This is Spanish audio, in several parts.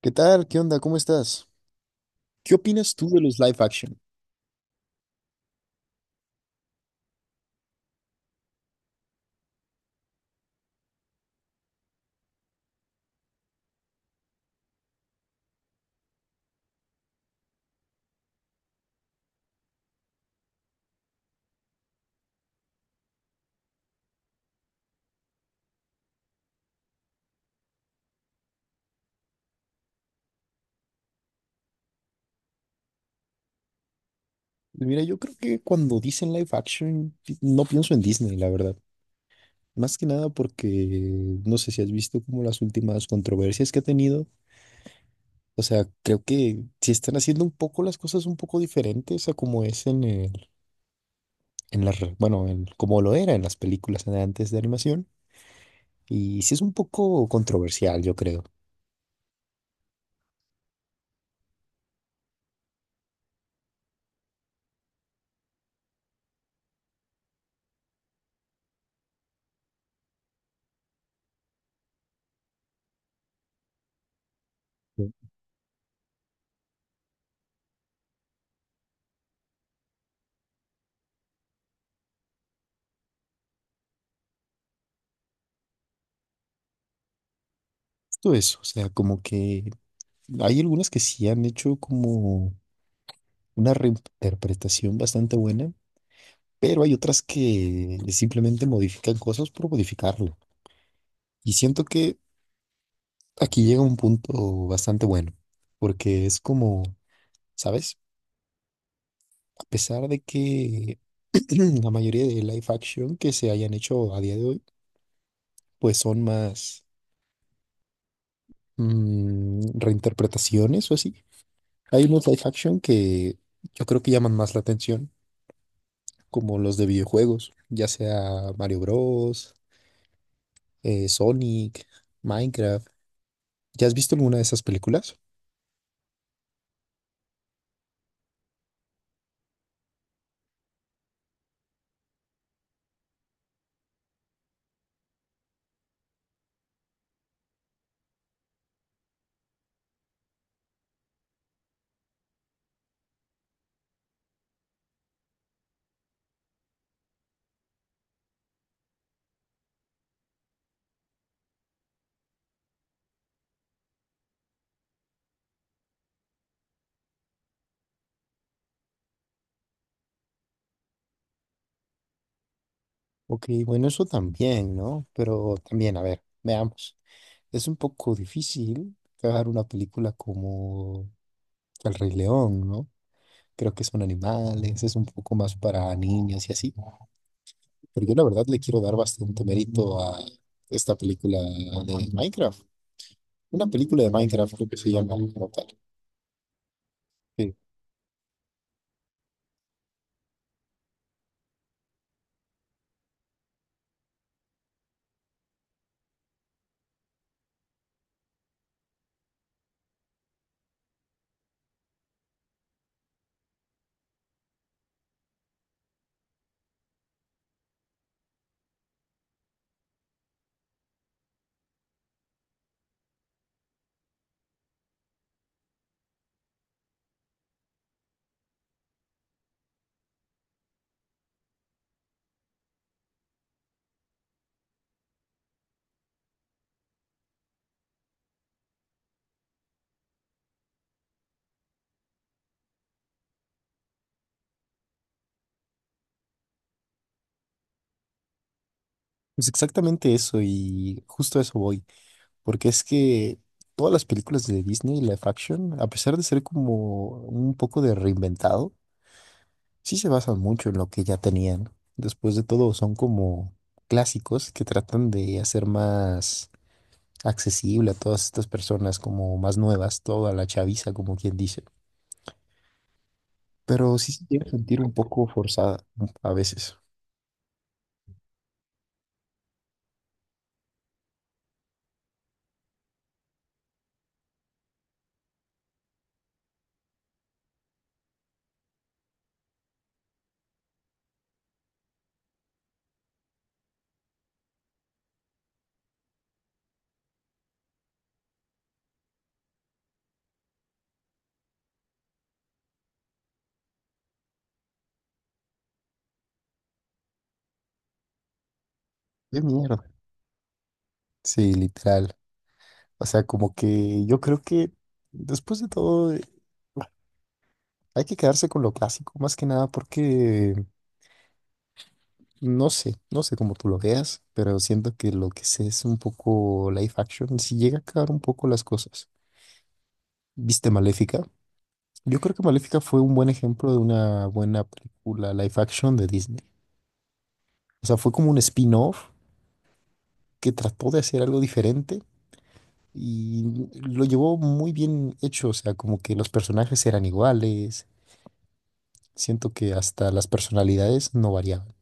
¿Qué tal? ¿Qué onda? ¿Cómo estás? ¿Qué opinas tú de los live action? Mira, yo creo que cuando dicen live action, no pienso en Disney, la verdad. Más que nada porque no sé si has visto como las últimas controversias que ha tenido. O sea, creo que si están haciendo un poco las cosas un poco diferentes a como es en el, en las, re- bueno, en, como lo era en las películas de antes de animación. Y sí es un poco controversial, yo creo. Sí. Todo eso, o sea, como que hay algunas que sí han hecho como una reinterpretación bastante buena, pero hay otras que simplemente modifican cosas por modificarlo. Y siento que aquí llega un punto bastante bueno, porque es como, ¿sabes? A pesar de que la mayoría de live action que se hayan hecho a día de hoy, pues son más reinterpretaciones o así. Hay unos live action que yo creo que llaman más la atención, como los de videojuegos, ya sea Mario Bros Sonic, Minecraft. ¿Ya has visto alguna de esas películas? Ok, bueno, eso también, ¿no? Pero también, a ver, veamos. Es un poco difícil crear una película como El Rey León, ¿no? Creo que son animales, es un poco más para niños y así. Pero yo la verdad le quiero dar bastante mérito a esta película de Minecraft. Una película de Minecraft creo que se llama como tal. Sí. Pues exactamente eso y justo a eso voy. Porque es que todas las películas de Disney, live action, a pesar de ser como un poco de reinventado, sí se basan mucho en lo que ya tenían. Después de todo, son como clásicos que tratan de hacer más accesible a todas estas personas, como más nuevas, toda la chaviza, como quien dice. Pero sí se llega sentir un poco forzada a veces. ¡Qué mierda! Sí, literal. O sea, como que yo creo que después de todo. Hay que quedarse con lo clásico, más que nada porque no sé cómo tú lo veas, pero siento que lo que sé es un poco live action, si llega a cagar un poco las cosas. ¿Viste Maléfica? Yo creo que Maléfica fue un buen ejemplo de una buena película live action de Disney. O sea, fue como un spin-off que trató de hacer algo diferente y lo llevó muy bien hecho, o sea, como que los personajes eran iguales, siento que hasta las personalidades no variaban.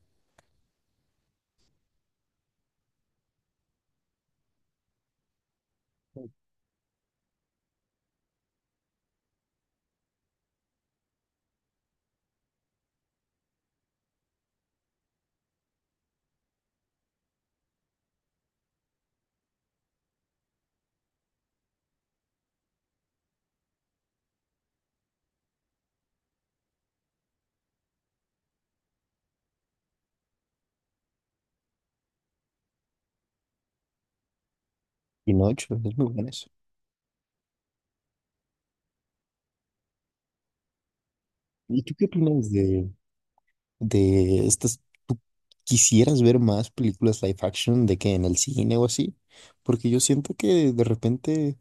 Y no, de hecho, es muy bueno eso. ¿Y tú qué opinas de estas? ¿Tú quisieras ver más películas live action de que en el cine o así? Porque yo siento que de repente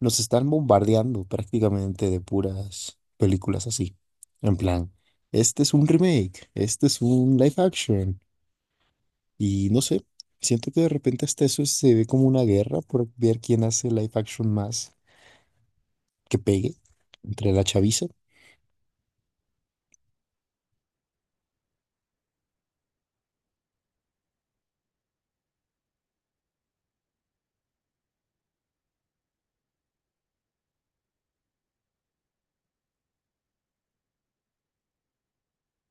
nos están bombardeando prácticamente de puras películas así. En plan, este es un remake, este es un live action. Y no sé, siento que de repente hasta eso se ve como una guerra por ver quién hace live action más que pegue entre la chaviza.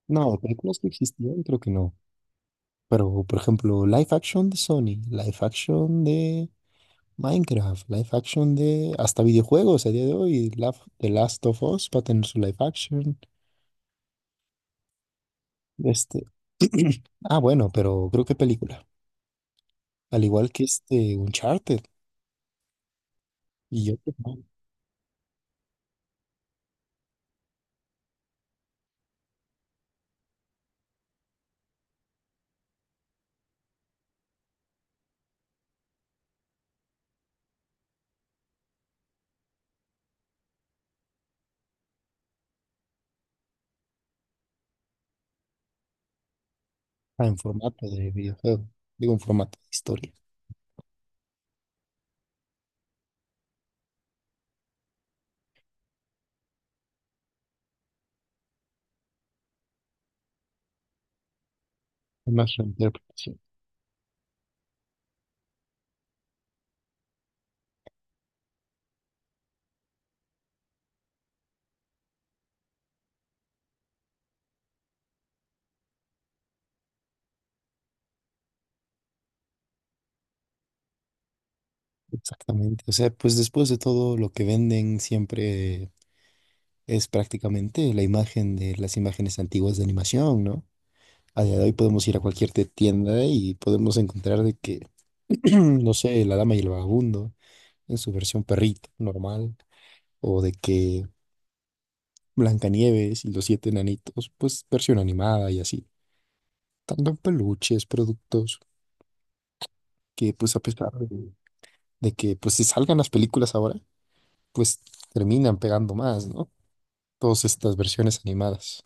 No, películas que existían, creo que no. Pero, por ejemplo, live action de Sony, live action de Minecraft, live action de hasta videojuegos a día de hoy, The Last of Us va a tener su live action. Este, ah, bueno, pero creo que película. Al igual que este Uncharted y yo en formato de videojuego, digo en formato de historia, es más reinterpretación. Exactamente. O sea, pues después de todo lo que venden siempre es prácticamente la imagen de las imágenes antiguas de animación, ¿no? A día de hoy podemos ir a cualquier tienda y podemos encontrar de que, no sé, La Dama y el Vagabundo en su versión perrito normal, o de que Blancanieves y los siete enanitos, pues versión animada y así. Tanto en peluches, productos que pues a pesar de que pues se salgan las películas ahora, pues terminan pegando más, ¿no? Todas estas versiones animadas.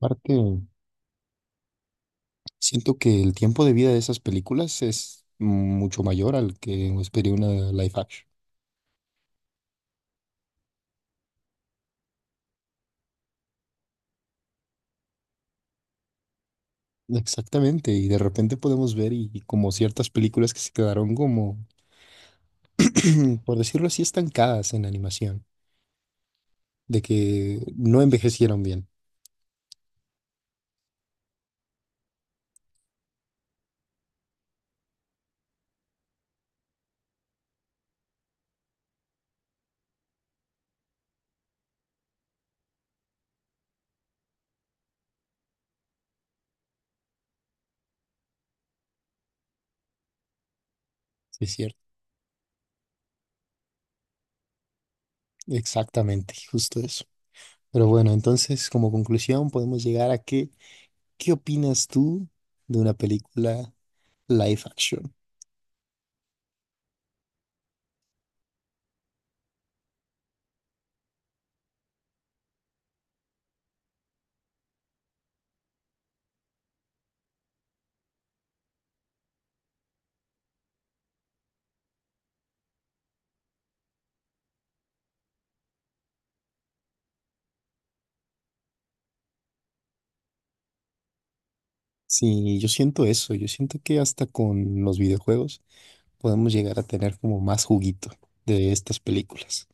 Aparte, siento que el tiempo de vida de esas películas es mucho mayor al que sería una live action. Exactamente, y de repente podemos ver y como ciertas películas que se quedaron como, por decirlo así, estancadas en animación, de que no envejecieron bien. Sí, es cierto. Exactamente, justo eso. Pero bueno, entonces como conclusión podemos llegar a que, ¿qué opinas tú de una película live action? Sí, yo siento eso, yo siento que hasta con los videojuegos podemos llegar a tener como más juguito de estas películas.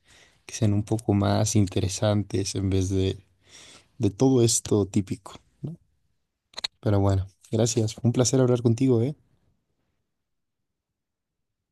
Que sean un poco más interesantes en vez de todo esto típico. Pero bueno, gracias. Fue un placer hablar contigo, ¿eh?